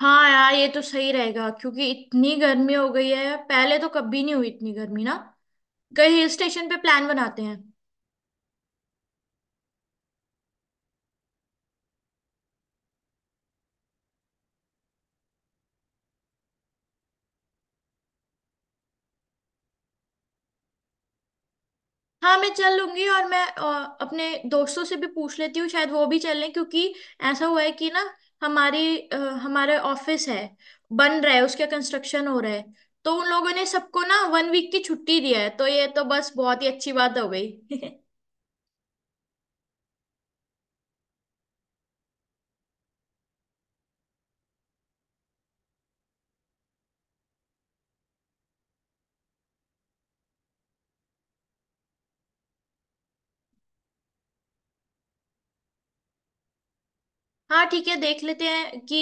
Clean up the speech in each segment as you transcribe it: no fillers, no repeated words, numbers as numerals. हाँ यार, ये तो सही रहेगा क्योंकि इतनी गर्मी हो गई है। पहले तो कभी नहीं हुई इतनी गर्मी ना। कहीं हिल स्टेशन पे प्लान बनाते हैं। हाँ, मैं चल लूंगी। और मैं अपने दोस्तों से भी पूछ लेती हूँ, शायद वो भी चल लें क्योंकि ऐसा हुआ है कि ना, हमारी अ, हमारे ऑफिस है, बन रहा है, उसका कंस्ट्रक्शन हो रहा है। तो उन लोगों ने सबको ना 1 week की छुट्टी दिया है, तो ये तो बस बहुत ही अच्छी बात हो गई। हाँ ठीक है, देख लेते हैं कि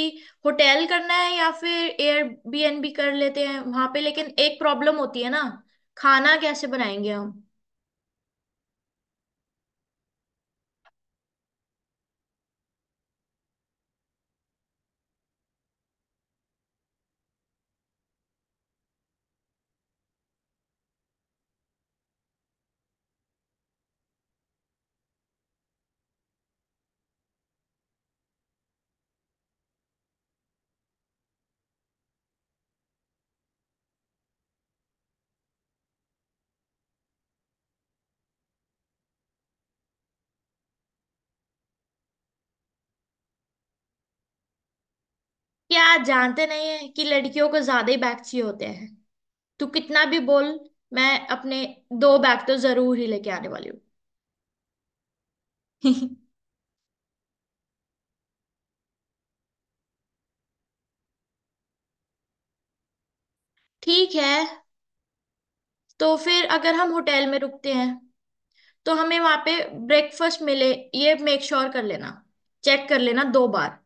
होटल करना है या फिर एयरबीएनबी कर लेते हैं वहां पे। लेकिन एक प्रॉब्लम होती है ना, खाना कैसे बनाएंगे हम। क्या आप जानते नहीं है कि लड़कियों को ज्यादा ही बैग चाहिए होते हैं। तू कितना भी बोल, मैं अपने दो बैग तो जरूर ही लेके आने वाली हूँ। ठीक है। तो फिर अगर हम होटल में रुकते हैं, तो हमें वहां पे ब्रेकफास्ट मिले, ये मेक श्योर कर लेना। चेक कर लेना दो बार।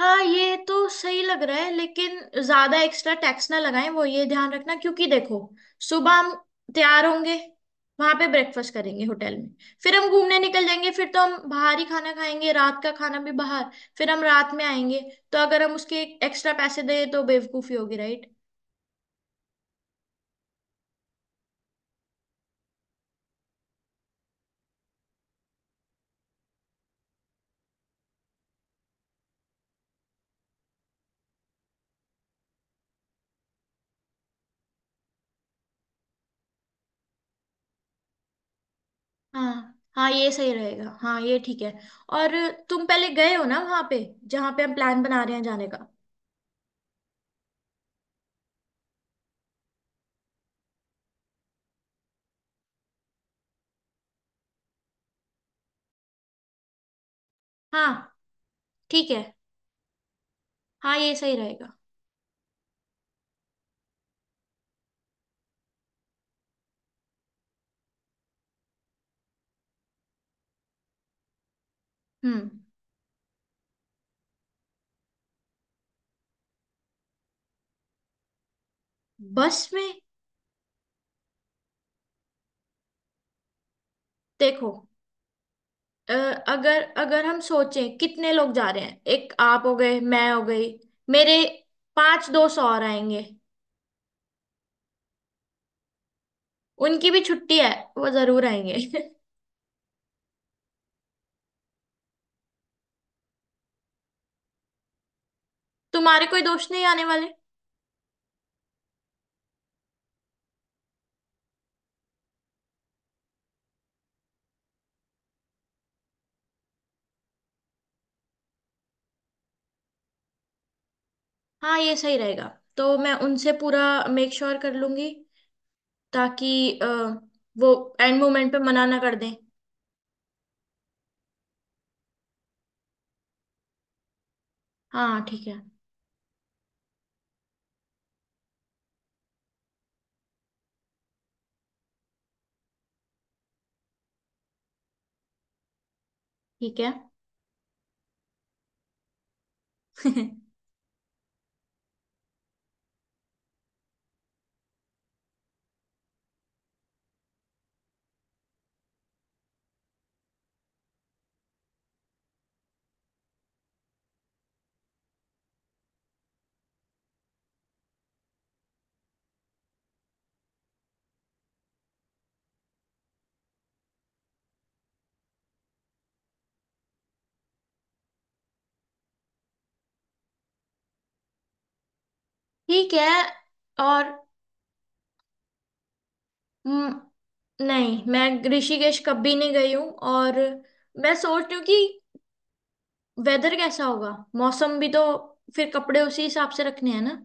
हाँ ये तो सही लग रहा है, लेकिन ज्यादा एक्स्ट्रा टैक्स ना लगाएं, वो ये ध्यान रखना। क्योंकि देखो, सुबह हम तैयार होंगे, वहां पे ब्रेकफास्ट करेंगे होटल में, फिर हम घूमने निकल जाएंगे, फिर तो हम बाहर ही खाना खाएंगे, रात का खाना भी बाहर, फिर हम रात में आएंगे। तो अगर हम उसके एक्स्ट्रा पैसे दें तो बेवकूफी होगी, राइट। हाँ हाँ, ये सही रहेगा। हाँ ये ठीक है। और तुम पहले गए हो ना वहां पे, जहाँ पे हम प्लान बना रहे हैं जाने का। हाँ ठीक है। हाँ ये सही रहेगा। हम्म। बस में? देखो, अगर अगर हम सोचें कितने लोग जा रहे हैं। एक आप हो गए, मैं हो गई, मेरे पांच दोस्त और आएंगे। उनकी भी छुट्टी है, वो जरूर आएंगे। तुम्हारे कोई दोस्त नहीं आने वाले? हाँ ये सही रहेगा। तो मैं उनसे पूरा मेक श्योर कर लूंगी, ताकि अ, वो एंड मोमेंट पे मना ना कर दें। हाँ ठीक है ठीक है। ठीक है। और हम्म, नहीं, मैं ऋषिकेश कभी नहीं गई हूँ। और मैं सोच रही हूँ कि वेदर कैसा होगा, मौसम भी तो, फिर कपड़े उसी हिसाब से रखने हैं ना।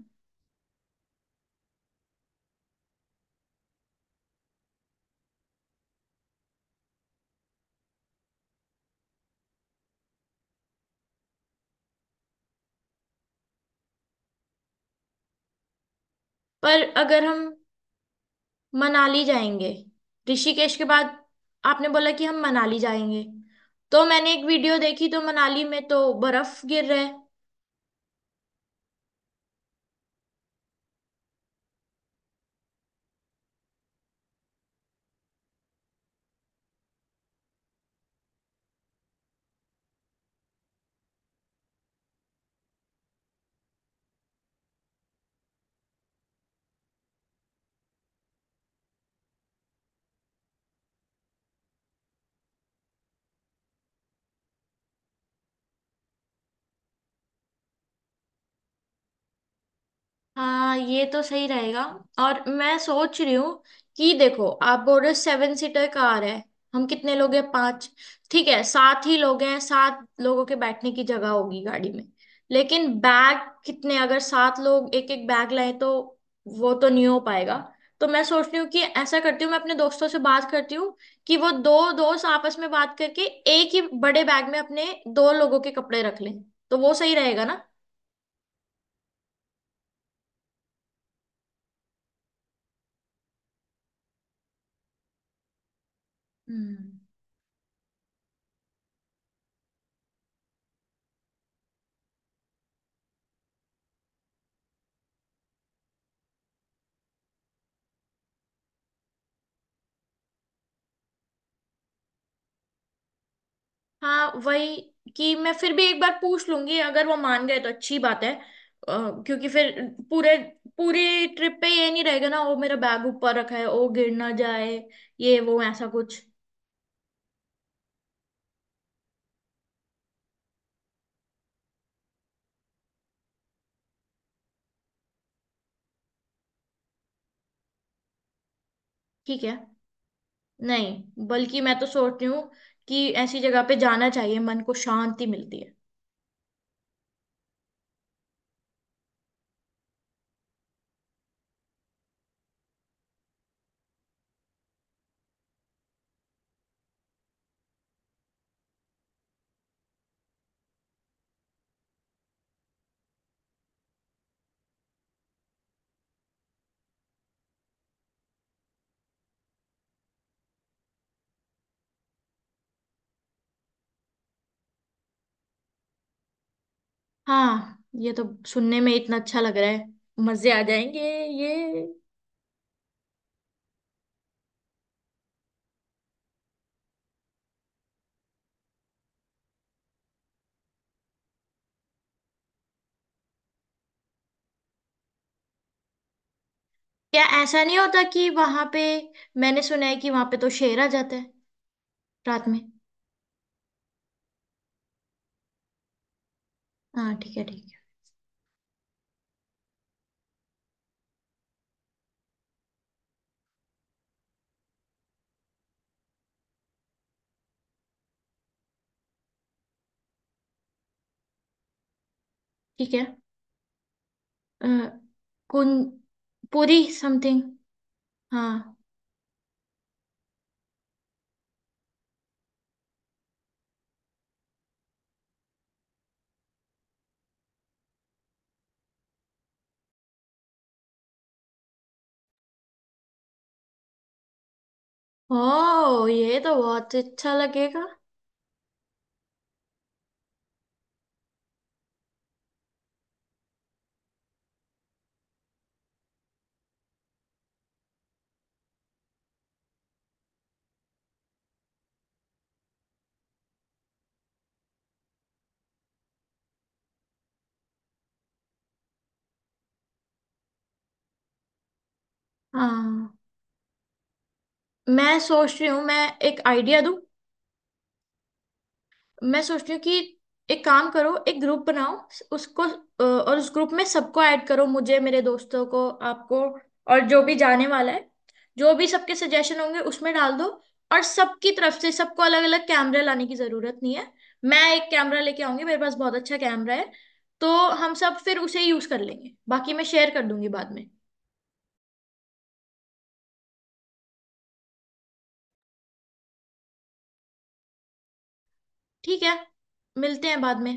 पर अगर हम मनाली जाएंगे ऋषिकेश के बाद, आपने बोला कि हम मनाली जाएंगे, तो मैंने एक वीडियो देखी, तो मनाली में तो बर्फ गिर रहा है। हाँ ये तो सही रहेगा। और मैं सोच रही हूँ कि, देखो आप बोल रहे हो 7 सीटर कार है, हम कितने लोग हैं, पांच। ठीक है सात ही लोग हैं, सात लोगों के बैठने की जगह होगी गाड़ी में। लेकिन बैग कितने, अगर सात लोग एक एक बैग लाए, तो वो तो नहीं हो पाएगा। तो मैं सोच रही हूँ कि ऐसा करती हूँ, मैं अपने दोस्तों से बात करती हूँ, कि वो दो दोस्त आपस में बात करके एक ही बड़े बैग में अपने दो लोगों के कपड़े रख लें, तो वो सही रहेगा ना। हम्म। हाँ वही, कि मैं फिर भी एक बार पूछ लूंगी, अगर वो मान गए तो अच्छी बात है। क्योंकि फिर पूरे पूरी ट्रिप पे ये नहीं रहेगा ना, वो मेरा बैग ऊपर रखा है वो गिर ना जाए, ये वो ऐसा कुछ। ठीक है। नहीं, बल्कि मैं तो सोच रही हूँ कि ऐसी जगह पे जाना चाहिए, मन को शांति मिलती है। हाँ ये तो सुनने में इतना अच्छा लग रहा है, मजे आ जाएंगे ये। क्या ऐसा नहीं होता कि वहां पे, मैंने सुना है कि वहां पे तो शेर आ जाता है रात में। हाँ ठीक है ठीक है। ठीक है। अ, कुन, पूरी समथिंग। हाँ। ओ, ये तो बहुत अच्छा लगेगा। हाँ मैं सोच रही हूँ, मैं एक आइडिया दूँ। मैं सोचती हूँ कि एक काम करो, एक ग्रुप बनाओ। उसको और उस ग्रुप में सबको ऐड करो, मुझे, मेरे दोस्तों को, आपको और जो भी जाने वाला है, जो भी सबके सजेशन होंगे उसमें डाल दो। और सबकी तरफ से सबको अलग अलग कैमरे लाने की जरूरत नहीं है। मैं एक कैमरा लेके आऊंगी, मेरे पास बहुत अच्छा कैमरा है। तो हम सब फिर उसे यूज कर लेंगे, बाकी मैं शेयर कर दूंगी बाद में। ठीक है। मिलते हैं बाद में।